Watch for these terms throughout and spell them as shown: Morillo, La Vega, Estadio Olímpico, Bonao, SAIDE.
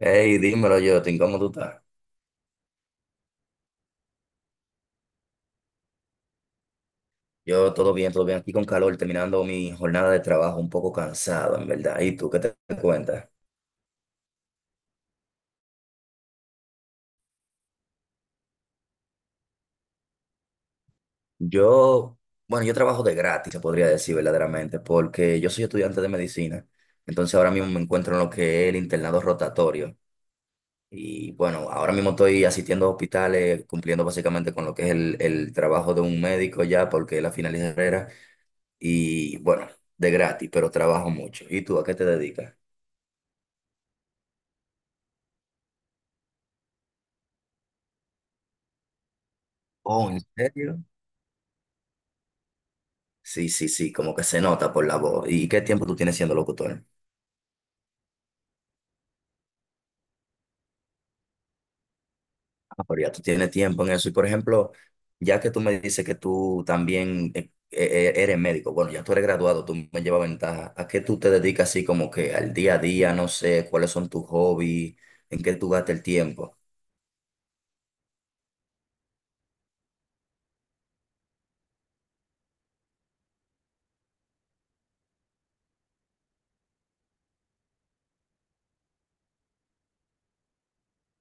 Hey, dímelo, Jotin, ¿cómo tú estás? Yo todo bien, todo bien. Aquí con calor, terminando mi jornada de trabajo, un poco cansado, en verdad. ¿Y tú qué te cuentas? Yo, bueno, yo trabajo de gratis, se podría decir verdaderamente, porque yo soy estudiante de medicina. Entonces ahora mismo me encuentro en lo que es el internado rotatorio. Y bueno, ahora mismo estoy asistiendo a hospitales, cumpliendo básicamente con lo que es el trabajo de un médico ya, porque es la final de carrera. Y bueno, de gratis, pero trabajo mucho. ¿Y tú a qué te dedicas? Oh, ¿en serio? Sí, sí, sí, como que se nota por la voz. ¿Y qué tiempo tú tienes siendo locutor? Ah, pero ya tú tienes tiempo en eso. Y por ejemplo, ya que tú me dices que tú también eres médico, bueno, ya tú eres graduado, tú me llevas ventaja. ¿A qué tú te dedicas así como que al día a día? No sé, ¿cuáles son tus hobbies? ¿En qué tú gastas el tiempo?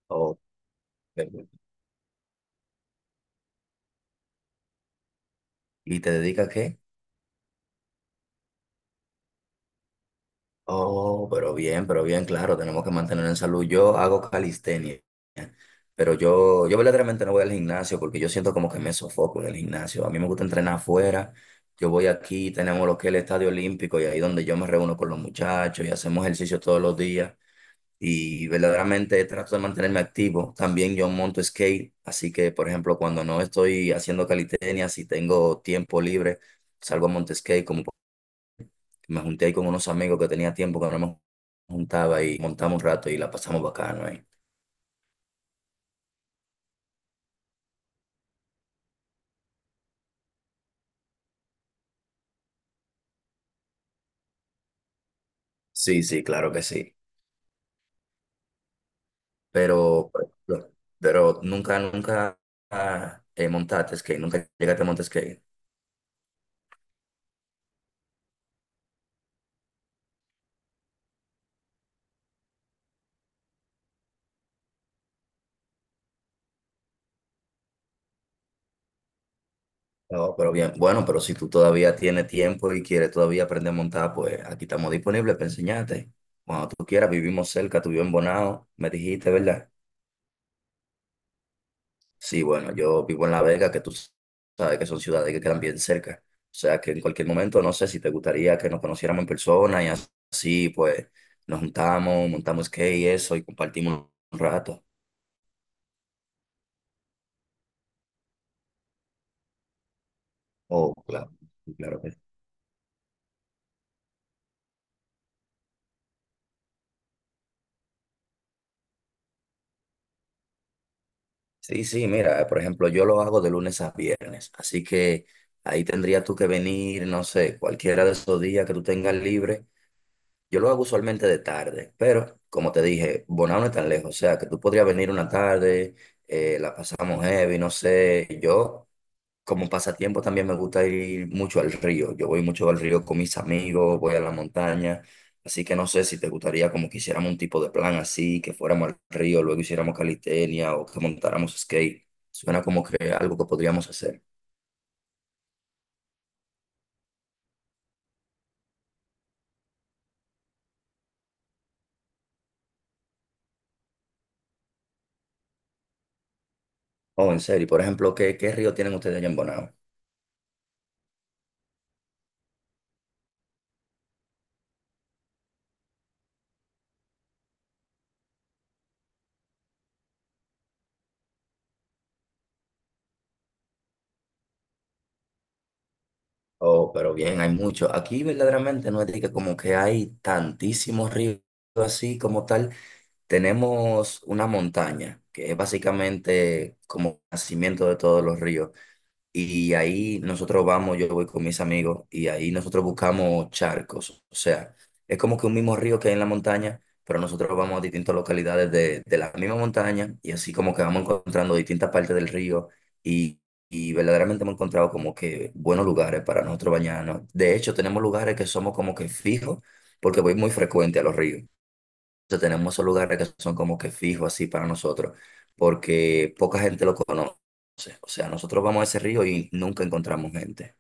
O- eh, ¿Y te dedicas a qué? Oh, pero bien, claro, tenemos que mantener en salud. Yo hago calistenia, pero yo verdaderamente no voy al gimnasio porque yo siento como que me sofoco en el gimnasio. A mí me gusta entrenar afuera. Yo voy aquí, tenemos lo que es el Estadio Olímpico y ahí donde yo me reúno con los muchachos y hacemos ejercicio todos los días. Y verdaderamente trato de mantenerme activo. También yo monto skate, así que, por ejemplo, cuando no estoy haciendo calistenia, si tengo tiempo libre, salgo a montar skate como me junté ahí con unos amigos que tenía tiempo que no me juntaba y montamos un rato y la pasamos bacano ahí. Sí, sí, claro que sí. Pero, por ejemplo, pero nunca, nunca montaste skate, nunca llegaste a montar skate. No, pero bien, bueno, pero si tú todavía tienes tiempo y quieres todavía aprender a montar, pues aquí estamos disponibles para enseñarte. Cuando tú quieras, vivimos cerca, tú vives en Bonao, me dijiste, ¿verdad? Sí, bueno, yo vivo en La Vega, que tú sabes que son ciudades que quedan bien cerca. O sea que en cualquier momento, no sé si te gustaría que nos conociéramos en persona y así, pues nos juntamos, montamos skate y eso y compartimos un rato. Oh, claro, sí, claro que sí, sí, sí, mira, por ejemplo, yo lo hago de lunes a viernes, así que ahí tendrías tú que venir, no sé, cualquiera de esos días que tú tengas libre. Yo lo hago usualmente de tarde, pero como te dije, Bonao no es tan lejos, o sea, que tú podrías venir una tarde, la pasamos heavy, no sé, yo como pasatiempo también me gusta ir mucho al río, yo voy mucho al río con mis amigos, voy a la montaña, así que no sé si te gustaría como que hiciéramos un tipo de plan así, que fuéramos al río, luego hiciéramos calistenia o que montáramos skate, suena como que algo que podríamos hacer. Oh, en serio, por ejemplo, qué río tienen ustedes allá en Bonao? Oh, pero bien, hay mucho. Aquí verdaderamente no es de que como que hay tantísimos ríos así como tal. Tenemos una montaña que es básicamente como nacimiento de todos los ríos. Y ahí nosotros vamos, yo voy con mis amigos y ahí nosotros buscamos charcos. O sea, es como que un mismo río que hay en la montaña, pero nosotros vamos a distintas localidades de la misma montaña y así como que vamos encontrando distintas partes del río y, y verdaderamente hemos encontrado como que buenos lugares para nosotros bañarnos. De hecho, tenemos lugares que somos como que fijos porque voy muy frecuente a los ríos, sea, tenemos esos lugares que son como que fijos así para nosotros, porque poca gente lo conoce. O sea, nosotros vamos a ese río y nunca encontramos gente.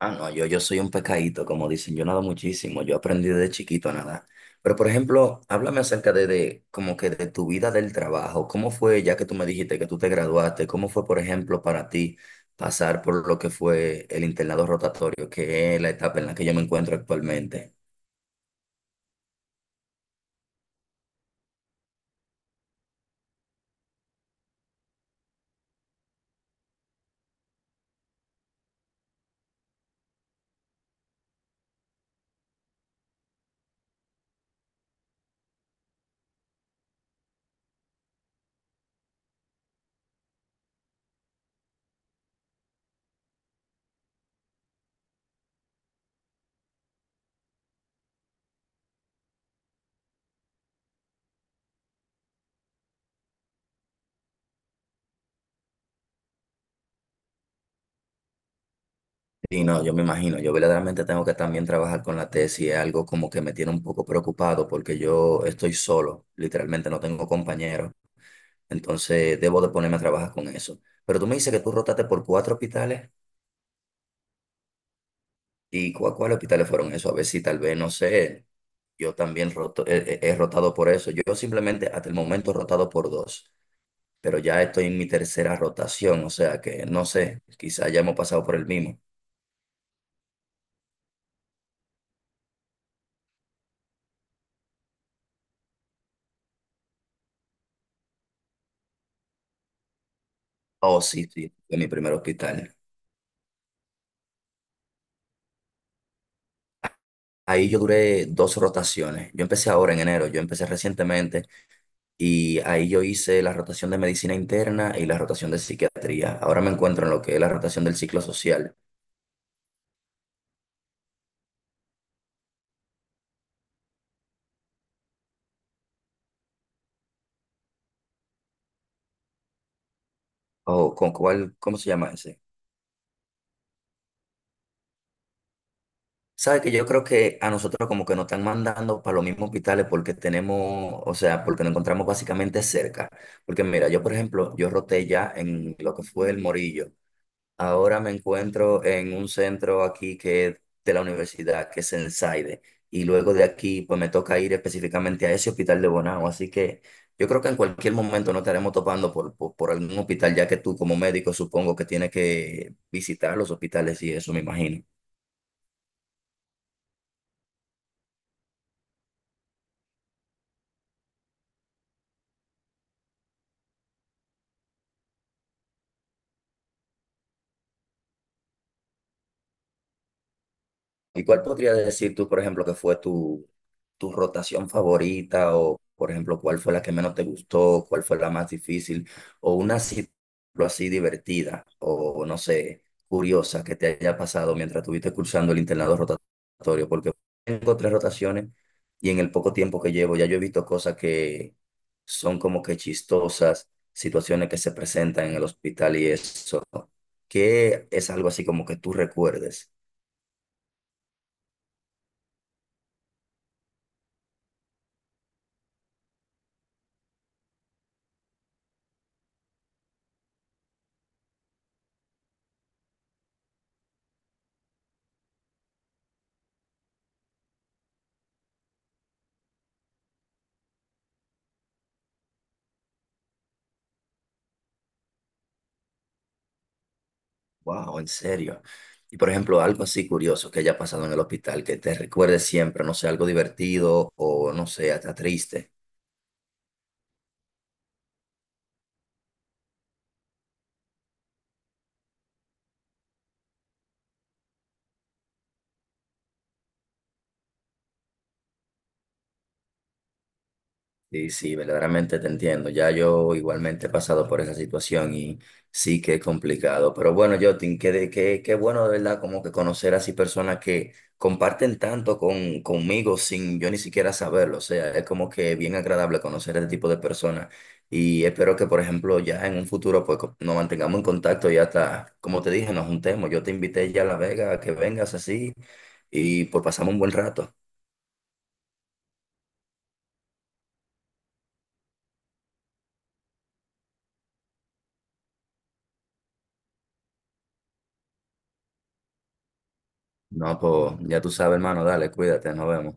Ah, no, yo soy un pescadito, como dicen, yo nado muchísimo, yo aprendí desde chiquito a nadar. Pero, por ejemplo, háblame acerca de como que de tu vida del trabajo. ¿Cómo fue, ya que tú me dijiste que tú te graduaste, cómo fue, por ejemplo, para ti pasar por lo que fue el internado rotatorio, que es la etapa en la que yo me encuentro actualmente? Sí, no, yo me imagino, yo verdaderamente tengo que también trabajar con la tesis, es algo como que me tiene un poco preocupado porque yo estoy solo, literalmente no tengo compañeros, entonces debo de ponerme a trabajar con eso. Pero tú me dices que tú rotaste por cuatro hospitales y ¿cuáles hospitales fueron esos? A ver si tal vez, no sé, yo también he rotado por eso, yo simplemente hasta el momento he rotado por dos, pero ya estoy en mi tercera rotación, o sea que no sé, quizás ya hemos pasado por el mismo. Oh, sí, sí, fue mi primer hospital. Ahí yo duré dos rotaciones. Yo empecé ahora en enero, yo empecé recientemente y ahí yo hice la rotación de medicina interna y la rotación de psiquiatría. Ahora me encuentro en lo que es la rotación del ciclo social. O con cuál, ¿cómo se llama ese? Sabe que yo creo que a nosotros como que nos están mandando para los mismos hospitales porque tenemos, o sea, porque nos encontramos básicamente cerca. Porque mira, yo por ejemplo, yo roté ya en lo que fue el Morillo. Ahora me encuentro en un centro aquí que es de la universidad, que es el SAIDE, y luego de aquí pues me toca ir específicamente a ese hospital de Bonao, así que yo creo que en cualquier momento nos estaremos topando por algún hospital, ya que tú como médico supongo que tienes que visitar los hospitales y eso, me imagino. ¿Y cuál podría decir tú, por ejemplo, que fue tu rotación favorita? O, por ejemplo, ¿cuál fue la que menos te gustó? ¿Cuál fue la más difícil? O una situación así divertida o, no sé, curiosa que te haya pasado mientras estuviste cursando el internado rotatorio. Porque tengo tres rotaciones y en el poco tiempo que llevo ya yo he visto cosas que son como que chistosas, situaciones que se presentan en el hospital y eso. ¿Qué es algo así como que tú recuerdes? Wow, en serio. Y por ejemplo, algo así curioso que haya pasado en el hospital, que te recuerde siempre, no sé, algo divertido o no sé, hasta triste. Sí, sí, verdaderamente te entiendo. Ya yo igualmente he pasado por esa situación y sí que es complicado. Pero bueno, Jotin, qué, qué, qué bueno de verdad como que conocer así personas que comparten tanto con, conmigo sin yo ni siquiera saberlo. O sea, es como que bien agradable conocer este tipo de personas. Y espero que, por ejemplo, ya en un futuro pues nos mantengamos en contacto y hasta, como te dije, nos juntemos. Yo te invité ya a La Vega a que vengas así y pues pasamos un buen rato. No, pues ya tú sabes, hermano, dale, cuídate, nos vemos.